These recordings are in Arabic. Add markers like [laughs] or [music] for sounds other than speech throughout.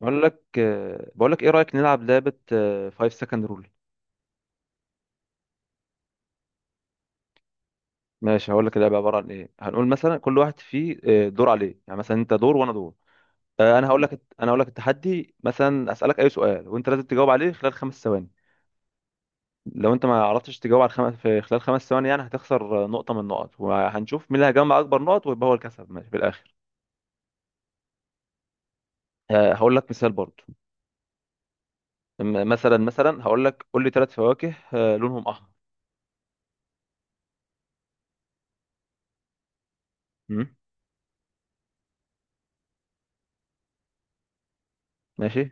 بقول لك ايه رأيك نلعب لعبة 5 second رول؟ ماشي، هقول لك اللعبة عبارة عن ايه. هنقول مثلا كل واحد فيه دور عليه، يعني مثلا انت دور وانا دور. انا هقول لك التحدي، مثلا اسالك اي سؤال وانت لازم تجاوب عليه خلال 5 ثواني. لو انت ما عرفتش تجاوب على في خلال 5 ثواني يعني هتخسر نقطة من النقط، وهنشوف مين اللي هيجمع اكبر نقط ويبقى هو الكسب ماشي في الاخر. هقول لك مثال برضه. مثلا هقول لك قول لي 3 فواكه لونهم احمر. م? ماشي،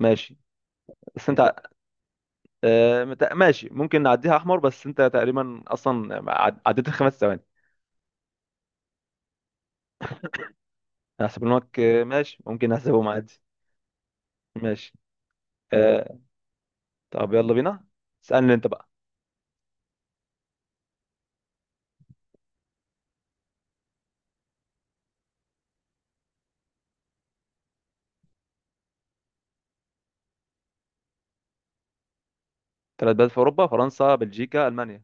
ماشي، بس انت ماشي ممكن نعديها احمر، بس انت تقريبا اصلا عديت الخمس ثواني. هحسبهم لك ماشي ممكن احسبهم عادي. ماشي. آه، طب يلا بينا، اسالني انت بقى. 3 بلاد في اوروبا: فرنسا، بلجيكا، المانيا.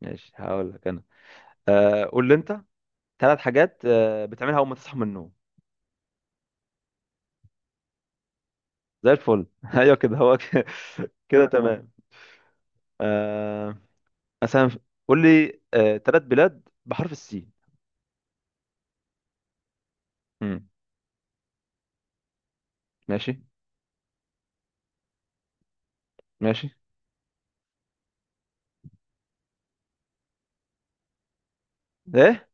ماشي، هقول لك انا. قول لي انت 3 حاجات بتعملها اول ما تصحى من النوم. زي الفل. [laughs] ايوه كده، هو كده. [laughs] كده تمام. آه، مثلا قول لي 3 بلاد بحرف السين. مم، ماشي، ماشي. ايه؟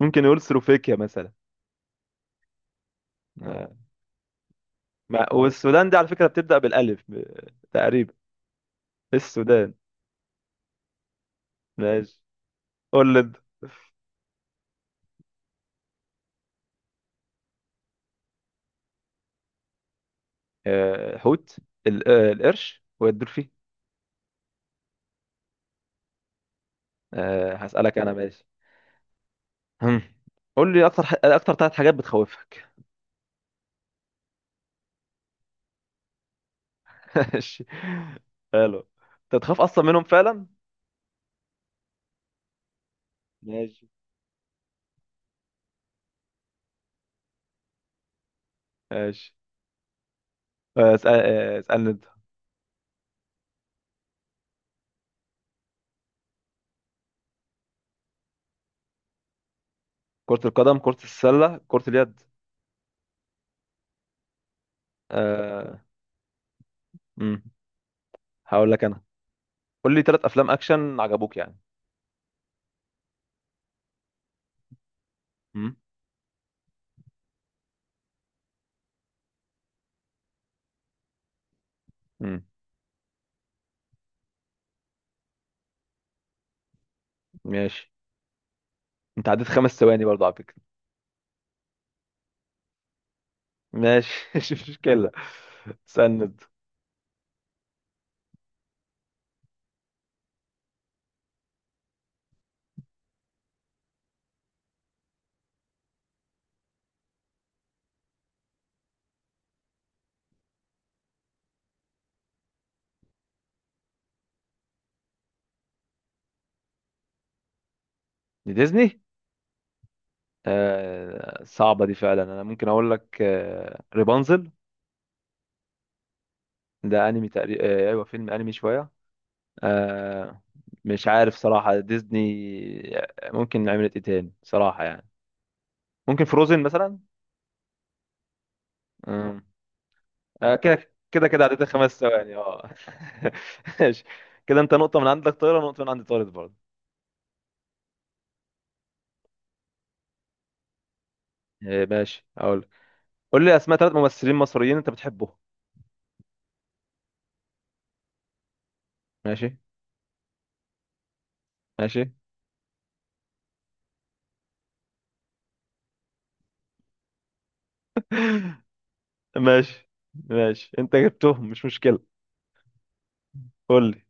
ممكن نقول سلوفاكيا مثلا. آه، ما والسودان دي على فكرة بتبدأ بالألف تقريبا. السودان. ماشي. قول لي انت. حوت، القرش والدولفين. هسألك أنا ماشي. هم. قول لي أكتر 3 حاجات بتخوفك. [laughs] ماشي، حلو. أنت تخاف أصلا منهم فعلا؟ ماشي، ماشي. اسألني أنت. كرة القدم، كرة السلة، كرة اليد. أه... مم. هقول لك أنا. قول لي 3 أفلام أكشن عجبوك يعني. مم. مم. ماشي. أنت عديت 5 ثواني برضه على فكرة. ماشي. [laughs] مش مشكلة. سند. ديزني، صعبة دي فعلا. أنا ممكن أقول لك ريبانزل. ده أنمي تقريبا، أيوه فيلم أنمي شوية. آه. مش عارف صراحة، ديزني ممكن عملت إيه تاني صراحة يعني. ممكن فروزن مثلا. مم. كده كده كده عديت الخمس ثواني. [laughs] ماشي. كده أنت نقطة من عندك طايرة ونقطة من عندي طارت برضه. ماشي أقول. قول لي أسماء 3 ممثلين مصريين أنت بتحبهم. ماشي، ماشي، ماشي، ماشي. انت جبتهم مش مشكلة. قول لي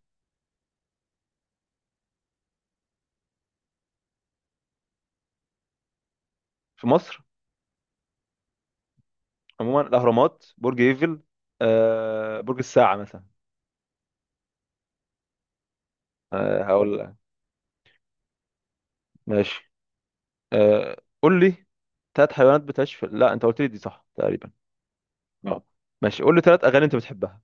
في مصر عموما: الأهرامات، برج ايفل، برج الساعة مثلا. هقول لك. ماشي. قول لي 3 حيوانات بتعيش في، لا انت قلت لي دي، صح تقريبا. اه. ماشي، قول لي 3 أغاني انت بتحبها.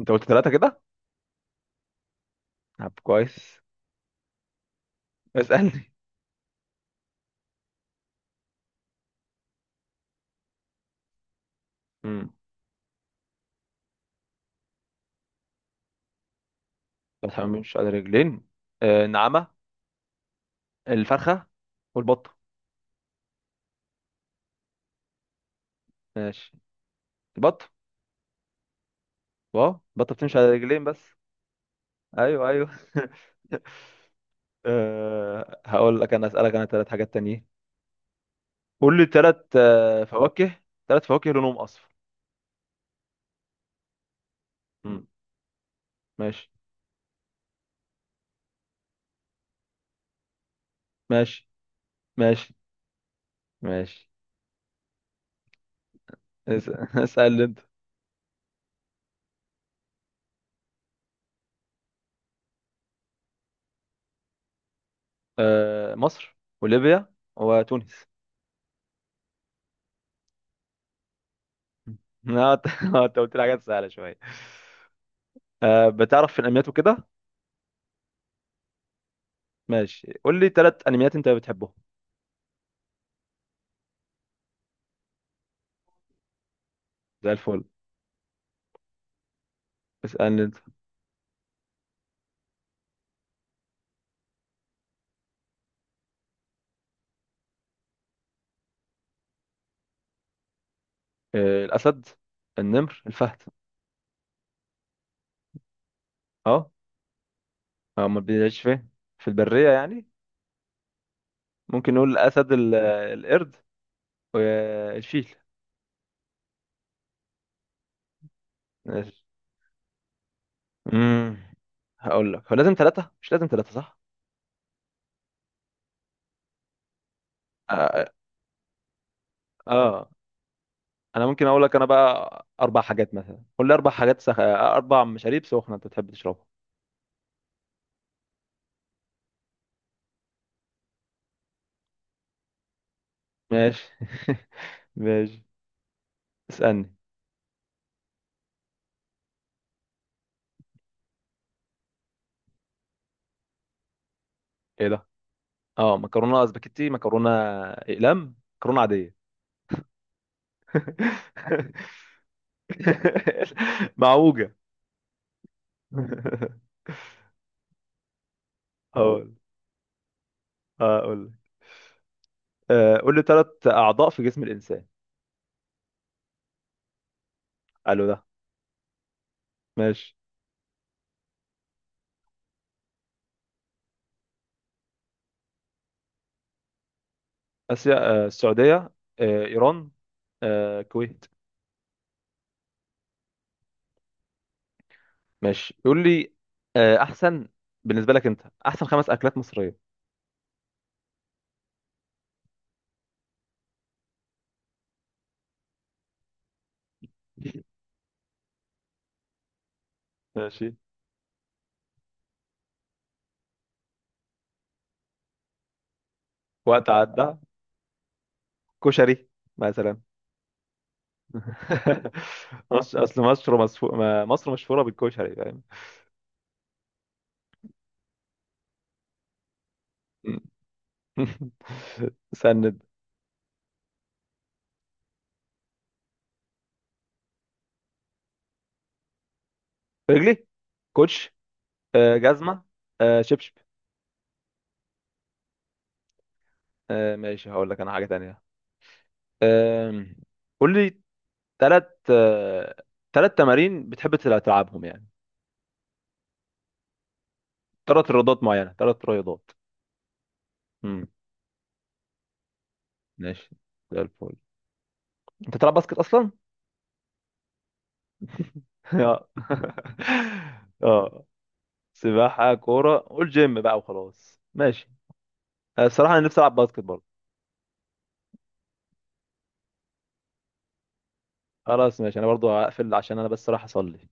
انت قلت ثلاثة كده. طب كويس، اسألني. امم بتحب مش على رجلين. النعامة، الفرخة، والبطة. ماشي البطة. واو، البطة بتمشي على رجلين بس. ايوه، ايوه. [laughs] هقول لك انا اسالك انا 3 حاجات تانيين. قول لي ثلاث فواكه، 3 فواكه لونهم اصفر. مم. ماشي، ماشي، ماشي، ماشي. اس- [laughs] اسال انت. مصر وليبيا وتونس. [laughs] مم. لا، انت [laughs] أنت قلت لي حاجات سهله شويه. بتعرف في الانميات وكده. ماشي قول لي 3 انميات انت بتحبهم. زي الفل، اسالني انت. الاسد، النمر، الفهد. اه. هو ما بيعيش فين، في البريه يعني. ممكن نقول الاسد القرد وشيل. ماشي. امم هقول لك هو لازم ثلاثة، مش لازم ثلاثة، صح. اه. آه. انا ممكن اقول لك انا بقى 4 حاجات. مثلا قول لي 4 مشاريب سخنة انت بتحب تشربها. ماشي. [laughs] ماشي، اسألني. ايه ده؟ اه مكرونة اسباجيتي، مكرونة اقلام، مكرونة عادية. [laughs] معوجة. هقول هقول قول لي 3 اعضاء في جسم الانسان. قالوا ده. ماشي. اسيا. السعوديه، ايران، الكويت. ماشي يقول لي احسن بالنسبه لك انت، احسن 5 اكلات مصريه. [laughs] ماشي. وقت عدى. كشري مثلا. [laughs] مصر، اصل مصر مصفو... ما- مصر مشهوره بالكشري، فاهم. [laughs] سند. رجلي: كوتش، جزمه، شبشب. ماشي، هقول لك انا حاجه تانية. آم، قول لي ثلاث ثلاث تمارين بتحب تلعبهم يعني، ثلاث رياضات معينة، ثلاث رياضات. امم ماشي. زي الفل. انت بتلعب باسكت اصلا؟ [laughs] اه، اه. سباحة، كورة، قول جيم بقى وخلاص. ماشي. الصراحة انا نفسي العب باسكت برضه. خلاص ماشي، انا برضه هقفل عشان انا بس رايح اصلي.